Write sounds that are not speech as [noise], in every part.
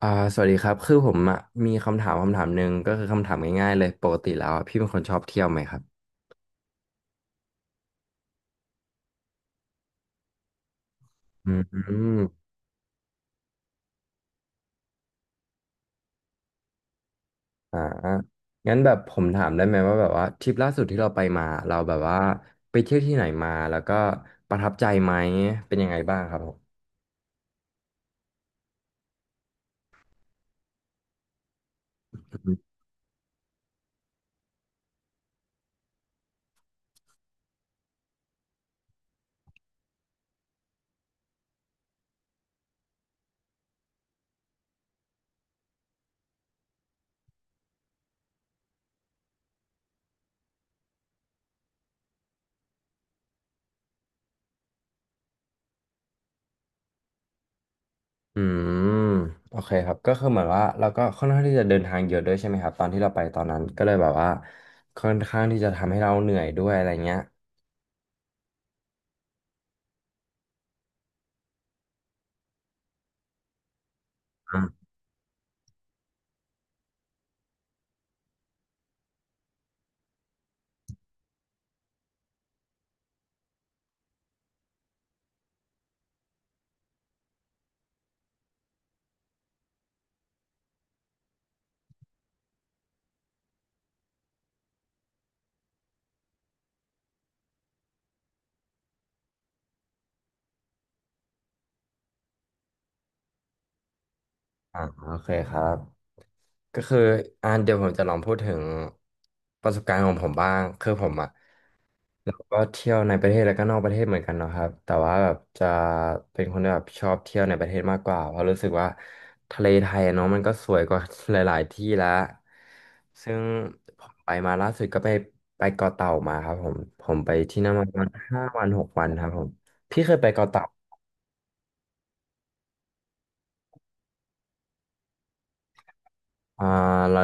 อ่าสวัสดีครับคือผมอ่ะมีคำถามหนึ่งก็คือคำถามง่ายๆเลยปกติแล้วอะพี่เป็นคนชอบเที่ยวไหมครับอืมอ่างั้นแบบผมถามได้ไหมว่าแบบว่าทริปล่าสุดที่เราไปมาเราแบบว่าไปเที่ยวที่ไหนมาแล้วก็ประทับใจไหมเป็นยังไงบ้างครับผมอืมโอเคครับก็คือเหมือนว่าเราก็ค่อนข้างที่จะเดินทางเยอะด้วยใช่ไหมครับตอนที่เราไปตอนนั้นก็เลยแบบว่าค่อนข้างที่จะทำให้เราเหนื่อยด้วยอะไรเงี้ยอ่าอ่าโอเคครับ ก็คือเดี๋ยวผมจะลองพูดถึงประสบการณ์ของผมบ้างคือผมอ่ะแล้วก็เที่ยวในประเทศแล้วก็นอกประเทศเหมือนกันเนาะครับแต่ว่าแบบจะเป็นคนที่แบบชอบเที่ยวในประเทศมากกว่าเพราะรู้สึกว่าทะเลไทยอะเนาะมันก็สวยกว่าหลายๆที่แล้วซึ่งผมไปมาล่าสุดก็ไปเกาะเต่ามาครับผมผมไปที่นั่นมาประมาณ5 วัน6 วันครับผมพี่เคยไปเกาะเต่า อ่าเรา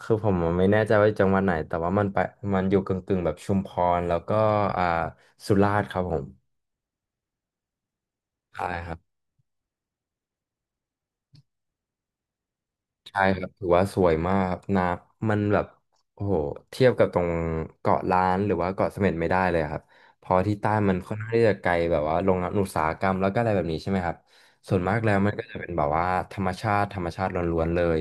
คือผมไม่แน่ใจว่าจังหวัดไหนแต่ว่ามันอยู่กึ่งๆแบบชุมพรแล้วก็อ่าสุราษฎร์ครับผมใช่ครับ ใช่ครับถือว่าสวยมากครับน้ำมันแบบโอ้โหเทียบกับตรงเกาะล้านหรือว่าเกาะเสม็ดไม่ได้เลยครับเพอที่ใต้มันค่อนข้างที่จะไกลแบบว่าโรงงานอุตสาหกรรมแล้วก็อะไรแบบนี้ใช่ไหมครับส่วนมากแล้วมันก็จะเป็นแบบว่าธรรมชาติธรรมชาติล้วนๆเลย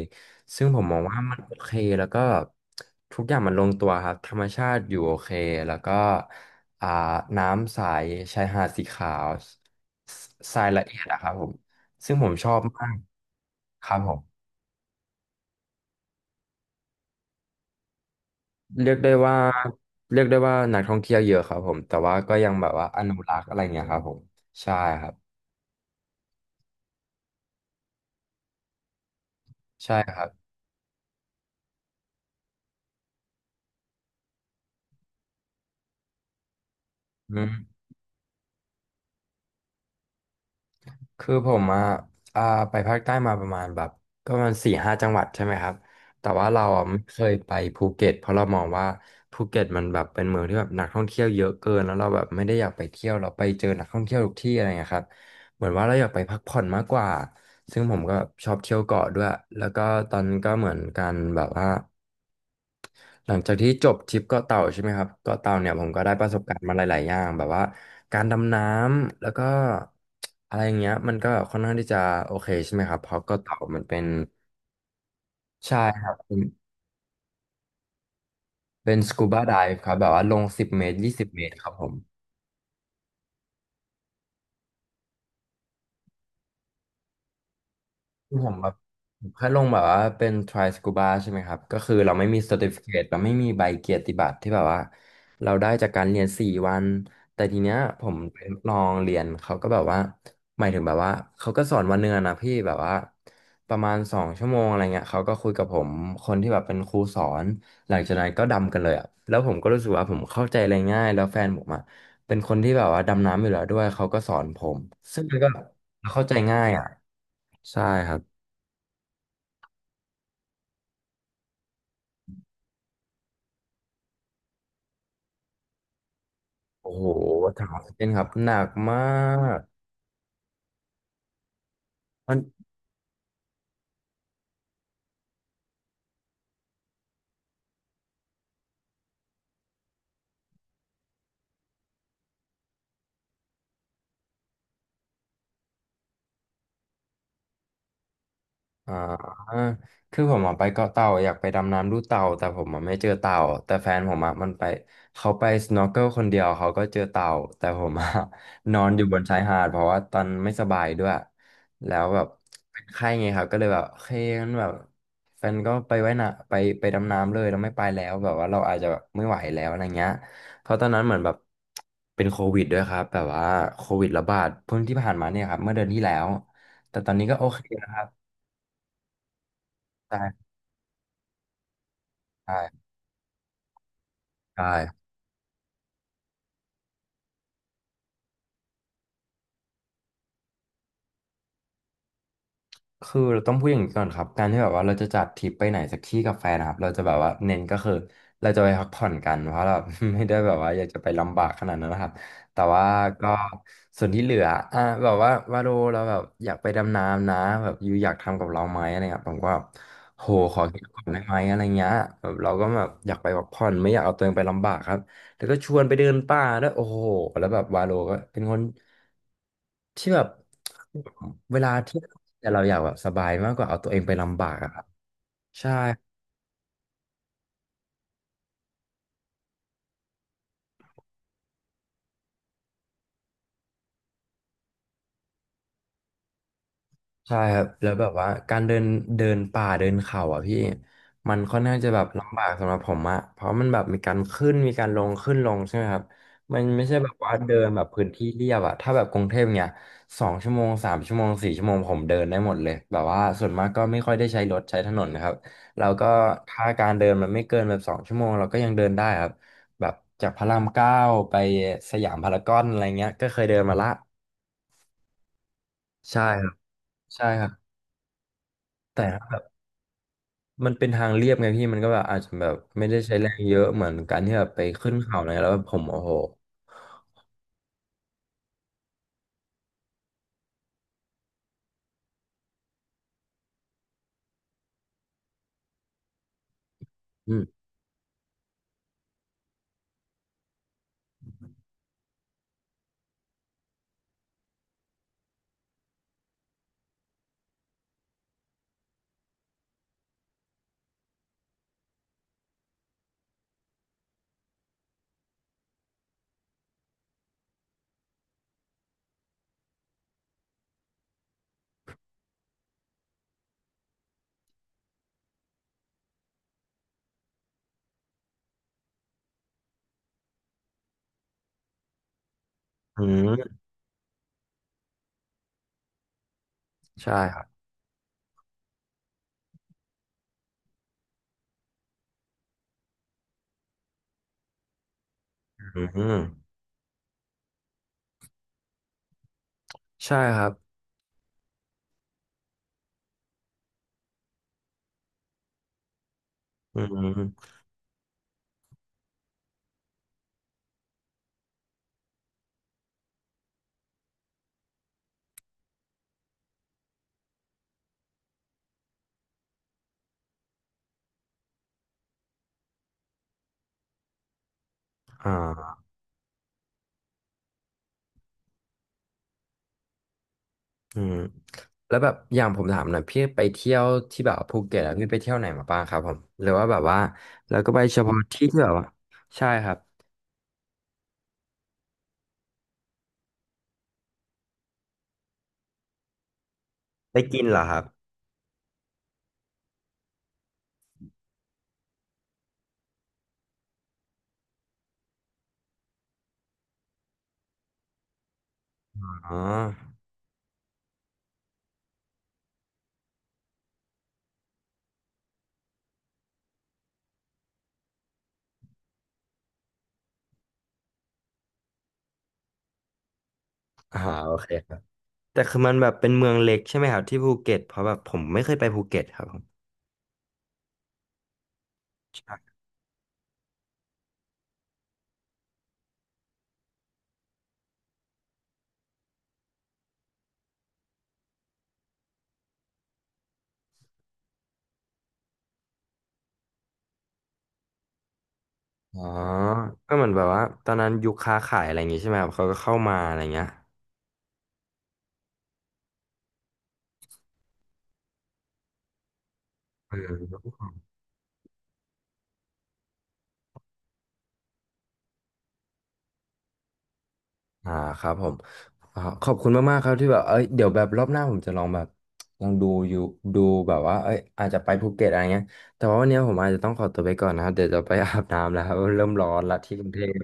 ซึ่งผมมองว่ามันโอเคแล้วก็ทุกอย่างมันลงตัวครับธรรมชาติอยู่โอเคแล้วก็อ่าน้ำใสชายหาดสีขาวทรายละเอียดอะครับผมซึ่งผมชอบมากครับผม เรียกได้ว่านักท่องเที่ยวเยอะครับผมแต่ว่าก็ยังแบบว่าอนุรักษ์อะไรเงี้ยครับผมใช่ครับใช่ครับอืมคือผมอ่ะอ่าไปภาคใต้มาประมาณแบบก็ประมาณสี่ห้าจังหวัดใช่ไหมครับแต่ว่าเราอ่ะไม่เคยไปภูเก็ตเพราะเรามองว่าภูเก็ตมันแบบเป็นเมืองที่แบบนักท่องเที่ยวเยอะเกินแล้วเราแบบไม่ได้อยากไปเที่ยวเราไปเจอนักท่องเที่ยวทุกที่อะไรเงี้ยครับเหมือนว่าเราอยากไปพักผ่อนมากกว่าซึ่งผมก็ชอบเที่ยวเกาะด้วยแล้วก็ตอนนั้นก็เหมือนกันแบบว่า หลังจากที่จบทริปเกาะเต่าใช่ไหมครับเกาะเต่าเนี่ยผมก็ได้ประสบการณ์มาหลายๆอย่างแบบว่าการดำน้ำแล้วก็อะไรอย่างเงี้ยมันก็ค่อนข้างที่จะโอเคใช่ไหมครับเพราะเกาะเต่ามันเป็นใช่ครับเป็นสกูบาไดฟ์ครับแบบว่าลงสิบเมตร20 เมตรครับผม คือผมแค่ลงแบบว่าเป็น try scuba ใช่ไหมครับก็คือเราไม่มี certificate เราไม่มีใบเกียรติบัตรที่แบบว่าเราได้จากการเรียน4 วันแต่ทีเนี้ยผมไปลองเรียนเขาก็แบบว่าหมายถึงแบบว่าเขาก็สอนวันเนือนนะพี่แบบว่าประมาณ2 ชั่วโมงอะไรเงี้ยเขาก็คุยกับผมคนที่แบบเป็นครูสอนหลังจากนั้นก็ดำกันเลยอ่ะแล้วผมก็รู้สึกว่าผมเข้าใจอะไรง่ายแล้วแฟนผมอ่ะเป็นคนที่แบบว่าดำน้ำอยู่แล้วด้วยเขาก็สอนผมซึ่งมันก็เข้าใจง่ายอ่ะใช่ครับ โอ้โห ถามเล่นครับหนักมากมัน อ่าคือผมอะไปเกาะเต่าอยากไปดำน้ำดูเต่าแต่ผมอะไม่เจอเต่าแต่แฟนผมอะมันไปเขาไปสโนว์เกิลคนเดียวเขาก็เจอเต่าแต่ผมอะ [laughs] นอนอยู่บนชายหาดเพราะว่าตอนไม่สบายด้วยแล้วแบบเป็นไข้ไงครับก็เลยแบบโอเคงั้นแบบแฟนก็ไปไว้นะไปดำน้ำเลยเราไม่ไปแล้วแบบว่าเราอาจจะแบบไม่ไหวแล้วอะไรเงี้ยเพราะตอนนั้นเหมือนแบบเป็นโควิดด้วยครับแบบว่าโควิดระบาดเพิ่งที่ผ่านมาเนี่ยครับเมื่อเดือนที่แล้วแต่ตอนนี้ก็โอเคนะครับ ใช่ใช่คือเราต้องพูดอย่างนี้ก่อนครับการที่แบบว่าเราจะจัดทริปไปไหนสักที่กับแฟนนะครับเราจะแบบว่าเน้นก็คือเราจะไปพักผ่อนกันเพราะเรา [laughs] ไม่ได้แบบว่าอยากจะไปลำบากขนาดนั้นนะครับแต่ว่าก็ส่วนที่เหลือแบบว่าวาโลเราแบบอยากไปดำน้ำนะแบบยูอยากทำกับเราไหมอะไรเงี้ยผมก็แบบโหขอคิดก่อนได้ไหมอะไรเงี้ยแบบเราก็แบบอยากไปพักผ่อนไม่อยากเอาตัวเองไปลำบากครับ แล้วก็ชวนไปเดินป่าด้วยโอ้โหแล้วแบบวาโลก็เป็นคนที่แบบเวลาที่แต่เราอยากแบบสบายมากกว่าเอาตัวเองไปลำบากอะครับใช่ ใช่ครับแล้วแบบว่าการเดินเดินป่าเดินเขาอ่ะพี่มันค่อนข้างจะแบบลำบากสำหรับผมอะเพราะมันแบบมีการขึ้นมีการลงขึ้นลงใช่ไหมครับมันไม่ใช่แบบว่าเดินแบบพื้นที่เรียบอะถ้าแบบกรุงเทพเนี่ยสองชั่วโมง3 ชั่วโมง4 ชั่วโมงผมเดินได้หมดเลยแบบว่าส่วนมากก็ไม่ค่อยได้ใช้รถใช้ถนนนะครับแล้วก็ถ้าการเดินมันไม่เกินแบบสองชั่วโมงเราก็ยังเดินได้ครับแบบจากพระราม 9ไปสยามพารากอนอะไรเงี้ยก็เคยเดินมาละใช่ครับใช่ครับแต่ มันเป็นทางเรียบไงพี่มันก็แบบอาจจะแบบไม่ได้ใช้แรงเยอะเหมือนการที่แบบไปขึ้นเขาอะไรแล้วแบบผมโอ้โหอืมอืมใช่ครับอืมใช่ครับอืมอ่าอืมแล้วแบบอย่างผมถามหน่อยพี่ไปเที่ยวที่แบบภูเก็ตอะพี่ไปเที่ยวไหนมาบ้างครับผมหรือว่าแบบว่าแล้วก็ไปเฉพาะที่ที่แบบว่าใช่ครับไปกินเหรอครับอ๋ออ่าโอเคครับแต่คือมันแบบเป็นเมืองเล็กใช่ไหมครับที่ภูเก็ตเพราะแบบผมไม่เคยไปภูเก็ตครับผม อ๋อก็เหมือนแบบว่าตอนนั้นยุคค้าขายอะไรอย่างงี้ใช่ไหมครับเขาก็เข้ามาอะไรเงี้ยเอออ่าครับผมอ่าขอบคุณมากๆครับที่แบบเอ้ยเดี๋ยวแบบรอบหน้าผมจะลองแบบลองดูอยู่ดูแบบว่าเอ้ยอาจจะไปภูเก็ตอะไรเงี้ยแต่ว่าวันนี้ผมอาจจะต้องขอตัวไปก่อนนะครับเดี๋ยวจะไปอาบน้ำแล้วครับเริ่มร้อนละที่กรุงเทพ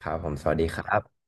ครับผมสวัสดีครับ